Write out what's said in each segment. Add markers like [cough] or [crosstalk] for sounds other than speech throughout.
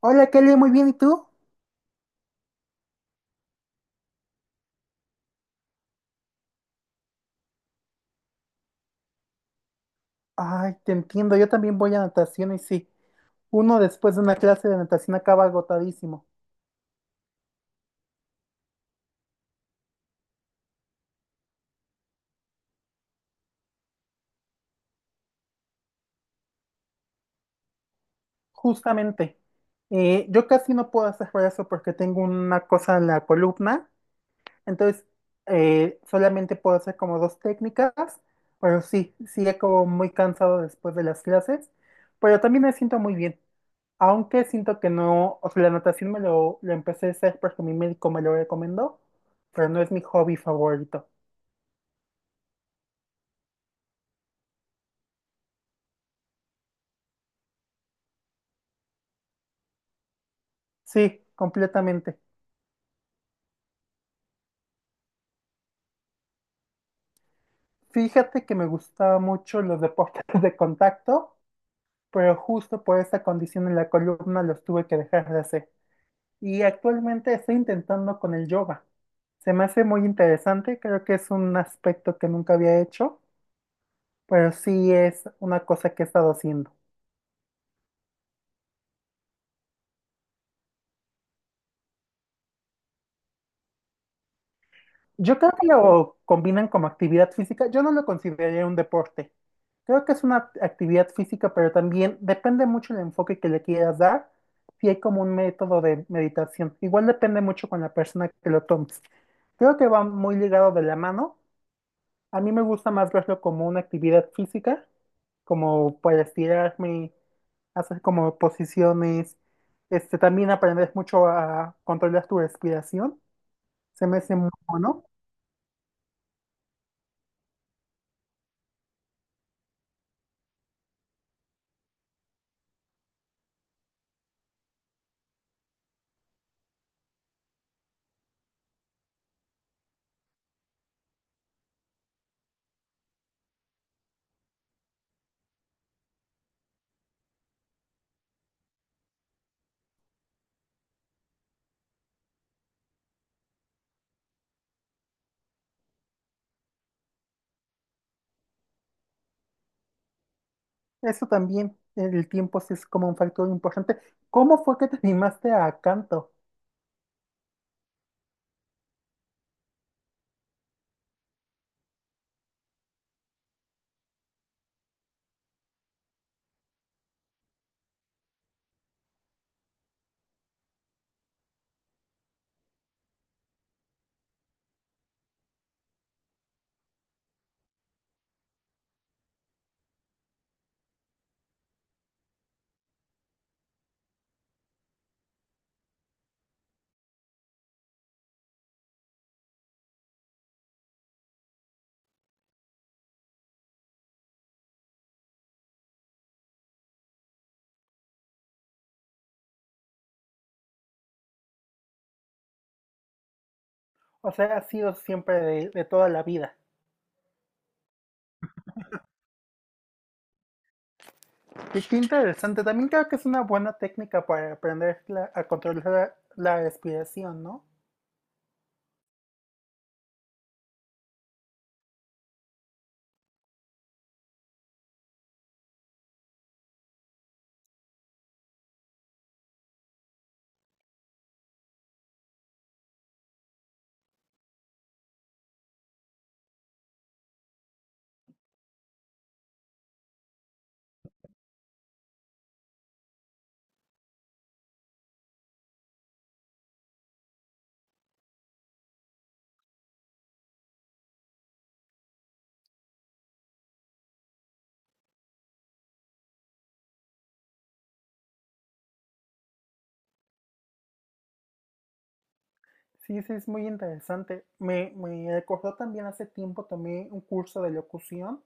Hola Kelly, muy bien, ¿y tú? Ay, te entiendo, yo también voy a natación y sí, uno después de una clase de natación acaba agotadísimo, justamente. Yo casi no puedo hacer brazo porque tengo una cosa en la columna, entonces solamente puedo hacer como dos técnicas, pero sí, sí como muy cansado después de las clases, pero también me siento muy bien, aunque siento que no, o sea, la natación lo empecé a hacer porque mi médico me lo recomendó, pero no es mi hobby favorito. Sí, completamente. Fíjate que me gustaba mucho los deportes [laughs] de contacto, pero justo por esa condición en la columna los tuve que dejar de hacer. Y actualmente estoy intentando con el yoga. Se me hace muy interesante, creo que es un aspecto que nunca había hecho, pero sí es una cosa que he estado haciendo. Yo creo que lo combinan como actividad física, yo no lo consideraría un deporte. Creo que es una actividad física, pero también depende mucho el enfoque que le quieras dar, si hay como un método de meditación. Igual depende mucho con la persona que lo tomes. Creo que va muy ligado de la mano. A mí me gusta más verlo como una actividad física, como para estirarme, hacer como posiciones, también aprendes mucho a controlar tu respiración, se me hace muy bueno. Eso también, el tiempo sí es como un factor importante. ¿Cómo fue que te animaste a canto? O sea, ha sido siempre de toda la vida. Y qué interesante. También creo que es una buena técnica para aprender a controlar la respiración, ¿no? Sí, sí, es muy interesante. Me recordó también hace tiempo tomé un curso de locución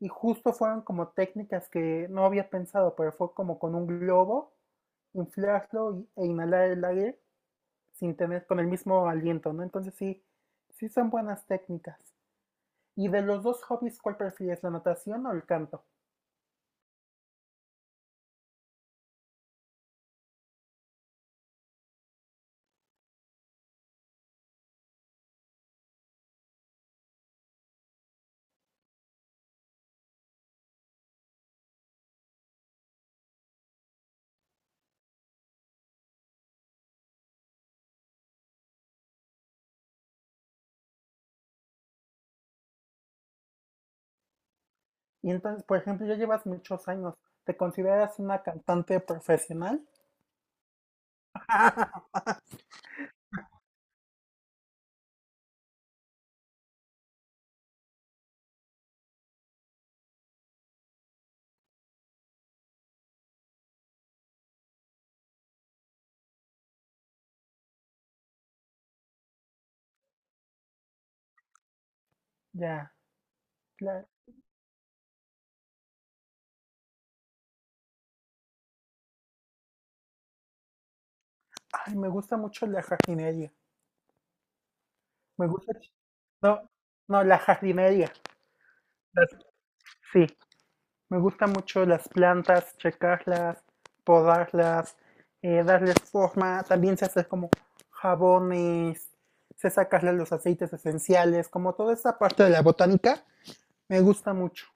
y justo fueron como técnicas que no había pensado, pero fue como con un globo, e inhalar el aire sin tener con el mismo aliento, ¿no? Entonces sí, sí son buenas técnicas. ¿Y de los dos hobbies, cuál prefieres, la natación o el canto? Y entonces, por ejemplo, ya llevas muchos años. ¿Te consideras una cantante profesional? [laughs] Ya, claro. Ay, me gusta mucho la jardinería. Me gusta. No, no, la jardinería. [laughs] Las- Sí, me gusta mucho las plantas, checarlas, podarlas, darles forma. También se hace como jabones, se sacarle los aceites esenciales, como toda esa parte de la botánica. Me gusta mucho.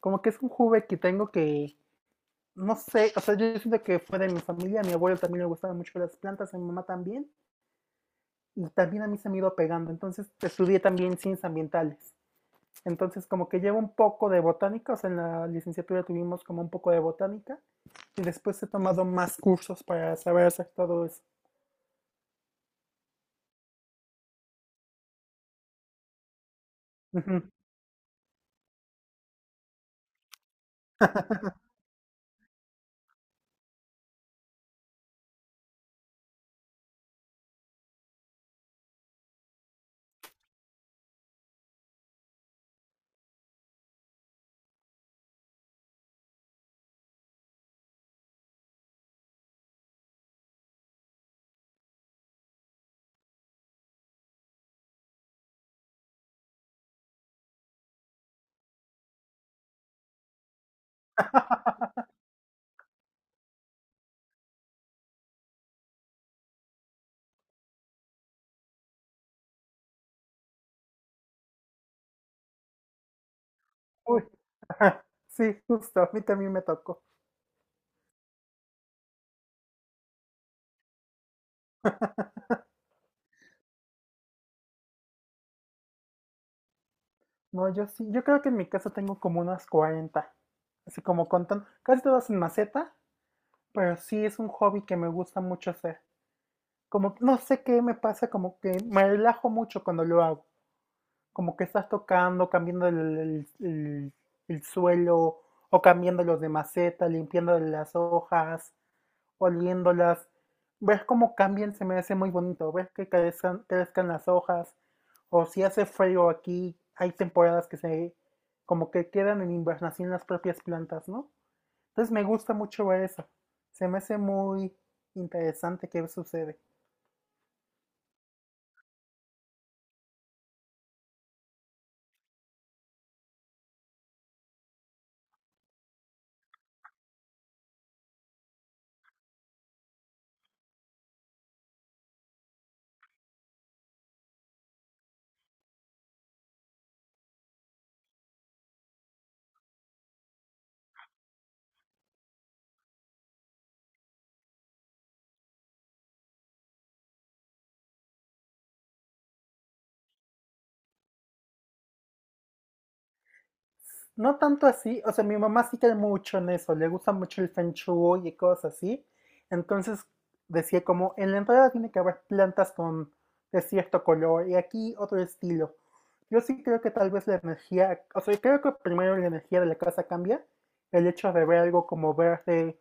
Como que es un hobby que tengo que, no sé, o sea, yo siento que fue de mi familia, a mi abuelo también le gustaban mucho las plantas, a mi mamá también, y también a mí se me iba pegando. Entonces estudié también ciencias ambientales. Entonces como que llevo un poco de botánica, o sea, en la licenciatura tuvimos como un poco de botánica, y después he tomado más cursos para saber hacer todo eso. Ujú. Uy, ajá, sí, justo, a mí también me tocó. No, yo sí, yo creo que en mi casa tengo como unas 40, así como contando, casi todas en maceta, pero sí es un hobby que me gusta mucho hacer. Como que no sé qué me pasa, como que me relajo mucho cuando lo hago. Como que estás tocando, cambiando el suelo, o cambiando los de maceta, limpiando las hojas, oliéndolas. Ver cómo cambian se me hace muy bonito, ver que crezcan, crezcan las hojas, o si hace frío aquí, hay temporadas que se como que quedan en invernación las propias plantas, ¿no? Entonces me gusta mucho ver eso. Se me hace muy interesante qué sucede. No tanto así, o sea, mi mamá sí cae mucho en eso, le gusta mucho el feng shui y cosas así. Entonces decía como, en la entrada tiene que haber plantas con de cierto color y aquí otro estilo. Yo sí creo que tal vez la energía, o sea, creo que primero la energía de la casa cambia, el hecho de ver algo como verde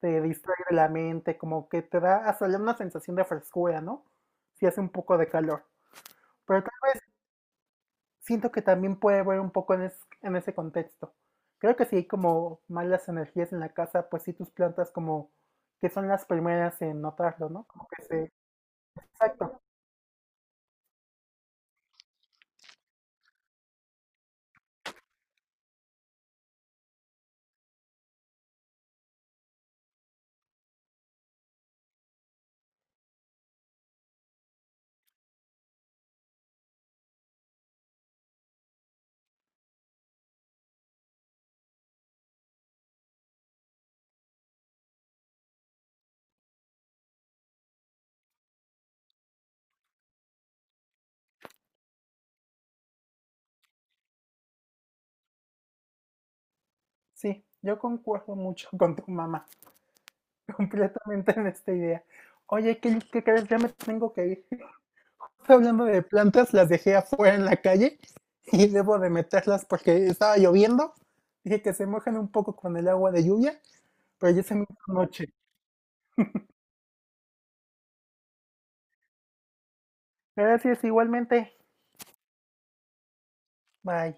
te distrae de la mente, como que te da hasta una sensación de frescura, ¿no? Si hace un poco de calor. Pero tal vez siento que también puede ver un poco en ese contexto. Creo que si hay como malas energías en la casa, pues sí tus plantas como que son las primeras en notarlo, ¿no? Como que se... Exacto, sí, yo concuerdo mucho [laughs] con tu mamá, [laughs] completamente en esta idea. Oye, ¿qué crees? Ya me tengo que ir. [laughs] Hablando de plantas, las dejé afuera en la calle [laughs] y debo de meterlas porque estaba lloviendo. Dije que se mojan un poco con el agua de lluvia, pero ya se me hizo noche. Gracias, igualmente. Bye.